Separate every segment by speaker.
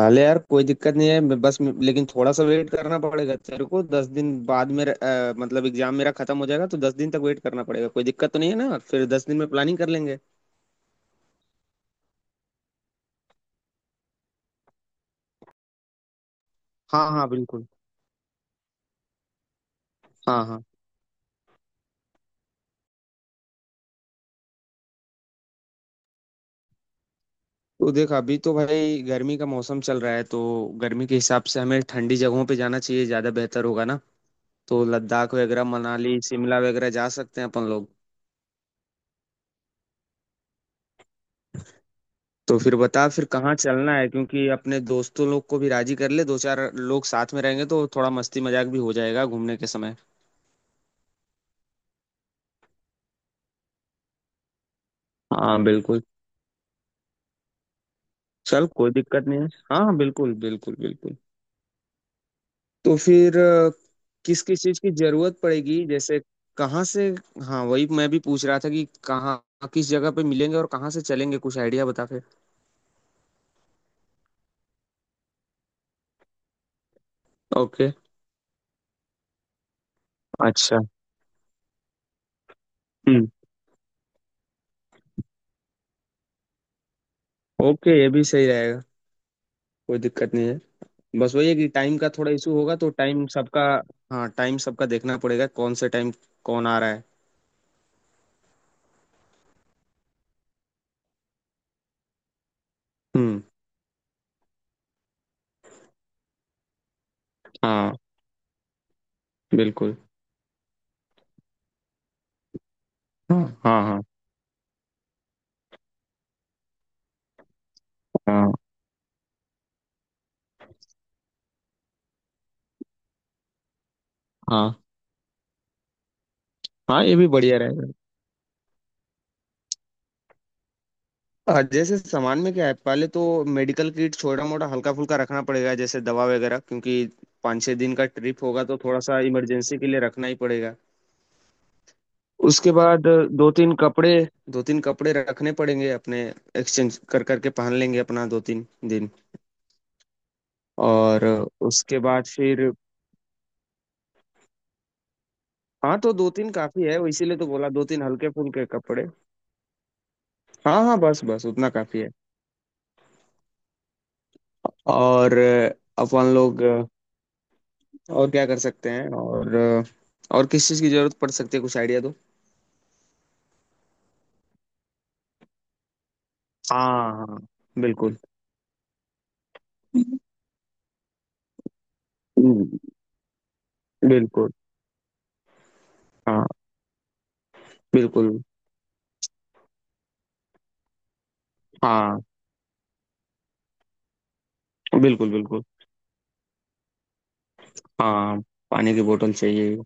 Speaker 1: अरे यार, कोई दिक्कत नहीं है। मैं बस लेकिन थोड़ा सा वेट करना पड़ेगा तेरे को। 10 दिन बाद में मतलब एग्जाम मेरा खत्म हो जाएगा तो 10 दिन तक वेट करना पड़ेगा। कोई दिक्कत तो नहीं है ना? फिर 10 दिन में प्लानिंग कर लेंगे। हाँ हाँ बिल्कुल। हाँ हाँ। तो देख, अभी तो भाई गर्मी का मौसम चल रहा है तो गर्मी के हिसाब से हमें ठंडी जगहों पे जाना चाहिए, ज्यादा बेहतर होगा ना। तो लद्दाख वगैरह, मनाली, शिमला वगैरह जा सकते हैं अपन लोग। तो फिर बता, फिर कहाँ चलना है? क्योंकि अपने दोस्तों लोग को भी राजी कर ले, दो चार लोग साथ में रहेंगे तो थोड़ा मस्ती मजाक भी हो जाएगा घूमने के समय। हाँ बिल्कुल। चल, कोई दिक्कत नहीं है। हाँ हाँ बिल्कुल बिल्कुल बिल्कुल। तो फिर किस किस चीज की जरूरत पड़ेगी, जैसे कहाँ से? हाँ, वही मैं भी पूछ रहा था कि कहाँ किस जगह पे मिलेंगे और कहाँ से चलेंगे। कुछ आइडिया बता फिर। ओके। अच्छा। हम्म। ओके, ये भी सही रहेगा। कोई दिक्कत नहीं है। बस वही है कि टाइम का थोड़ा इशू होगा तो टाइम सबका। हाँ, टाइम सबका देखना पड़ेगा, कौन से टाइम कौन आ रहा है। हम्म। हाँ बिल्कुल। हाँ हाँ हाँ। हाँ हाँ, हाँ, ये भी बढ़िया रहेगा। जैसे सामान में क्या है, पहले तो मेडिकल किट छोटा मोटा हल्का फुल्का रखना पड़ेगा, जैसे दवा वगैरह, क्योंकि 5-6 दिन का ट्रिप होगा तो थोड़ा सा इमरजेंसी के लिए रखना ही पड़ेगा। उसके बाद दो तीन कपड़े, दो तीन कपड़े रखने पड़ेंगे अपने। एक्सचेंज कर करके पहन लेंगे अपना 2-3 दिन। और उसके बाद फिर हाँ, तो दो तीन काफी है, वो इसीलिए तो बोला, दो तीन हल्के फुल्के कपड़े। हाँ हाँ बस बस उतना काफी है। और अपन लोग और क्या कर सकते हैं? और किस चीज की जरूरत पड़ सकती है? कुछ आइडिया दो। हाँ हाँ बिल्कुल। हम्म, बिल्कुल। हाँ बिल्कुल। हाँ बिल्कुल बिल्कुल। हाँ, पानी की बोतल चाहिए।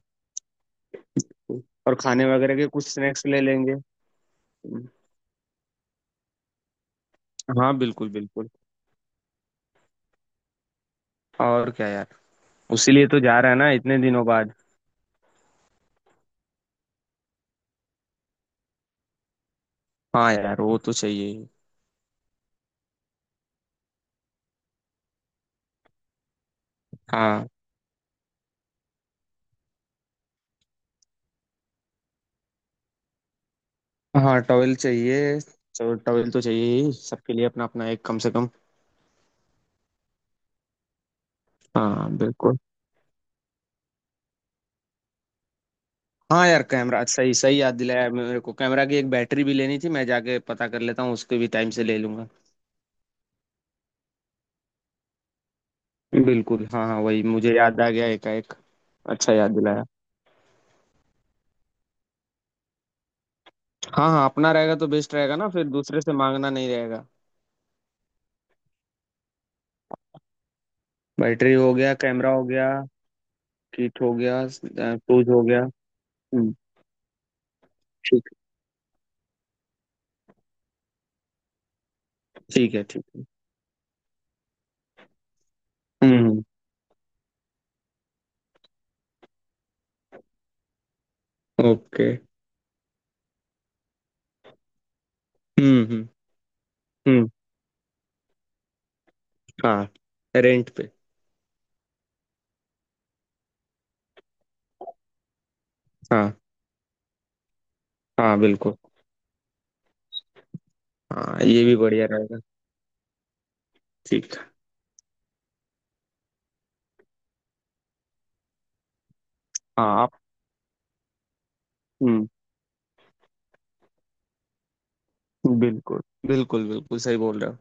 Speaker 1: और खाने वगैरह के कुछ स्नैक्स ले लेंगे। हाँ बिल्कुल बिल्कुल। और क्या यार, उसी लिए तो जा रहा है ना, इतने दिनों बाद। हाँ यार, वो तो चाहिए ही। हाँ। हाँ, टॉवेल चाहिए। तो टॉवेल तो चाहिए ही सबके लिए, अपना अपना एक कम से कम। हाँ बिल्कुल। हाँ यार, कैमरा सही सही याद दिलाया मेरे को। कैमरा की एक बैटरी भी लेनी थी, मैं जाके पता कर लेता हूँ उसके भी, टाइम से ले लूंगा। बिल्कुल। हाँ हाँ, वही मुझे याद आ गया एकाएक। अच्छा याद दिलाया। हाँ हाँ, अपना रहेगा तो बेस्ट रहेगा ना, फिर दूसरे से मांगना नहीं रहेगा। बैटरी हो गया, कैमरा हो गया, किट हो गया, शूज हो गया। हम्म। ठीक। ठीक है। ठीक है। हम्म। ओके। हम्म। हम्म। हाँ, रेंट पे। हाँ। हाँ बिल्कुल। हाँ, ये भी बढ़िया रहेगा। ठीक है। हाँ आप। हम्म, बिल्कुल। बिल्कुल बिल्कुल, सही बोल रहे हो।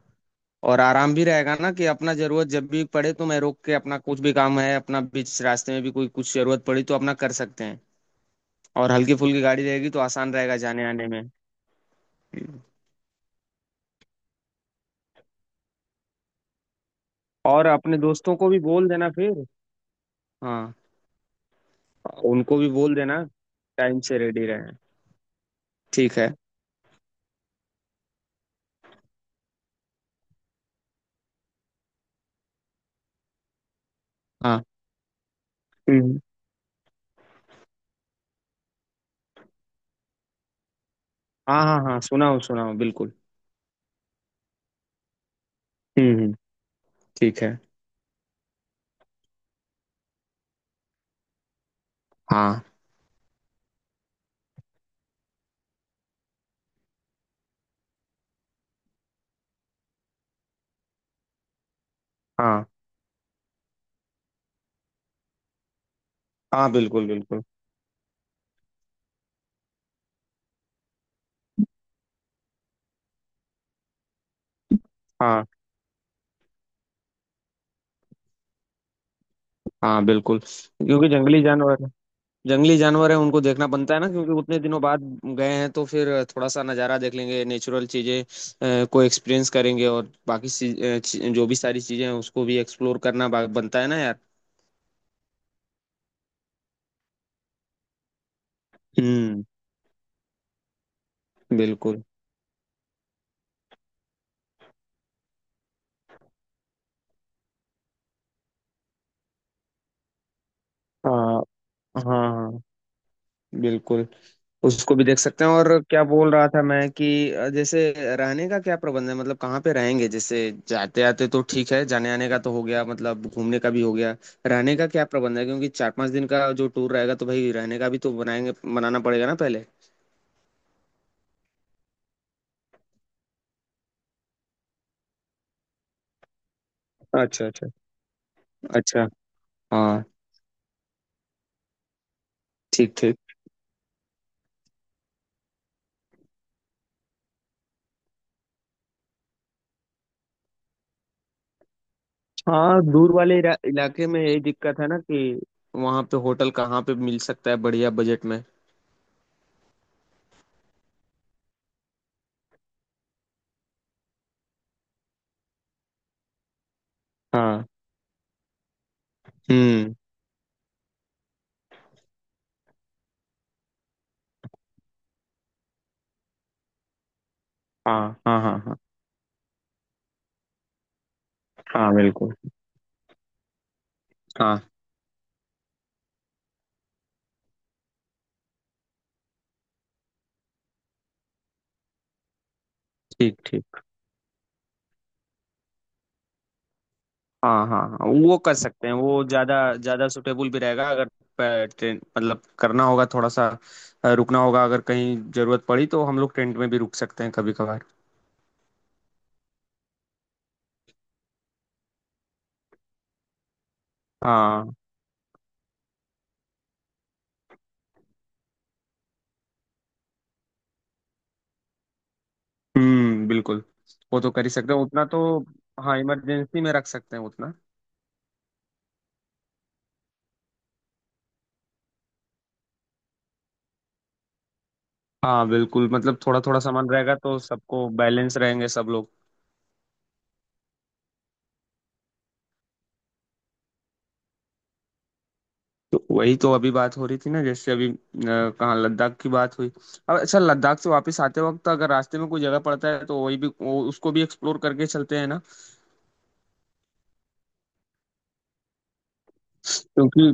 Speaker 1: और आराम भी रहेगा ना, कि अपना जरूरत जब भी पड़े तो मैं रोक के अपना, कुछ भी काम है अपना, बीच रास्ते में भी कोई कुछ जरूरत पड़ी तो अपना कर सकते हैं। और हल्की फुल्की गाड़ी रहेगी तो आसान रहेगा जाने आने में। और अपने दोस्तों को भी बोल देना फिर। हाँ। उनको भी बोल देना, टाइम से रेडी रहे। ठीक है। हाँ। हम्म। हाँ हाँ हाँ, सुनाओ सुनाओ, बिल्कुल। हम्म। ठीक है। हाँ हाँ हाँ बिल्कुल बिल्कुल। हाँ हाँ बिल्कुल, क्योंकि जंगली जानवर, जंगली जानवर है, उनको देखना बनता है ना, क्योंकि उतने दिनों बाद गए हैं तो फिर थोड़ा सा नज़ारा देख लेंगे, नेचुरल चीज़ें को एक्सपीरियंस करेंगे, और बाकी जो भी सारी चीज़ें हैं उसको भी एक्सप्लोर करना बनता है ना यार। हम्म। बिल्कुल। हाँ हाँ हाँ। बिल्कुल। उसको भी देख सकते हैं। और क्या बोल रहा था मैं, कि जैसे रहने का क्या प्रबंध है, मतलब कहाँ पे रहेंगे, जैसे? जाते आते तो ठीक है, जाने आने का तो हो गया, मतलब घूमने का भी हो गया। रहने का क्या प्रबंध है, क्योंकि 4-5 दिन का जो टूर रहेगा तो भाई रहने का भी तो बनाएंगे, बनाना पड़ेगा ना पहले। अच्छा अच्छा। अच्छा। हाँ। ठीक ठीक। हाँ, दूर वाले इलाके में यही दिक्कत है ना, कि वहाँ पे होटल कहाँ पे मिल सकता है बढ़िया बजट में। हाँ। हम्म। हाँ हाँ हाँ। हाँ। हाँ बिल्कुल। हाँ। ठीक ठीक। हाँ हाँ हाँ, वो कर सकते हैं, वो ज्यादा ज्यादा सुटेबल भी रहेगा, अगर ट्रेन मतलब करना होगा थोड़ा सा, रुकना होगा। अगर कहीं जरूरत पड़ी तो हम लोग टेंट में भी रुक सकते हैं, कभी कभार। हाँ। बिल्कुल। वो तो कर ही सकते हैं उतना तो। हाँ, इमरजेंसी में रख सकते हैं उतना। हाँ बिल्कुल, मतलब थोड़ा थोड़ा सामान रहेगा तो सबको बैलेंस रहेंगे सब लोग। तो वही तो अभी बात हो रही थी ना, जैसे अभी कहाँ लद्दाख की बात हुई। अब अच्छा, लद्दाख से वापस आते वक्त अगर रास्ते में कोई जगह पड़ता है तो उसको भी एक्सप्लोर करके चलते हैं ना, क्योंकि।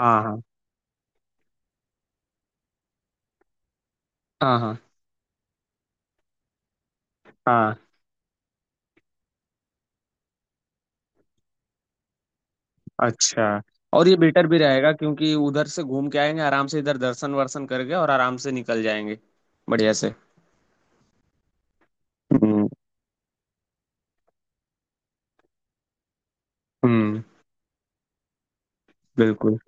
Speaker 1: हाँ हाँ हाँ हाँ हाँ। अच्छा, और ये बेटर भी रहेगा क्योंकि उधर से घूम के आएंगे आराम से, इधर दर्शन वर्शन करके और आराम से निकल जाएंगे बढ़िया से। हम्म। हम्म, बिल्कुल।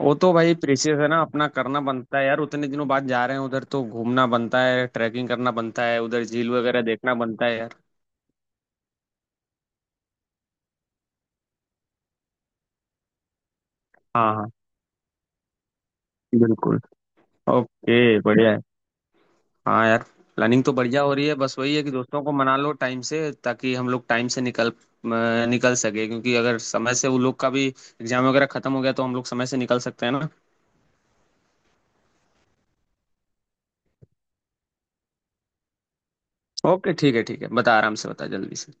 Speaker 1: वो तो भाई प्रेशियस है ना, अपना करना बनता है यार, उतने दिनों बाद जा रहे हैं उधर तो घूमना बनता है, ट्रैकिंग करना बनता है, उधर झील वगैरह देखना बनता है यार। हाँ हाँ बिल्कुल। ओके, बढ़िया है। हाँ यार, प्लानिंग तो बढ़िया हो रही है, बस वही है कि दोस्तों को मना लो टाइम से, ताकि हम लोग टाइम से निकल सके, क्योंकि अगर समय से वो लोग का भी एग्जाम वगैरह खत्म हो गया तो हम लोग समय से निकल सकते हैं ना। ओके ठीक है ठीक है, बता, आराम से बता, जल्दी से।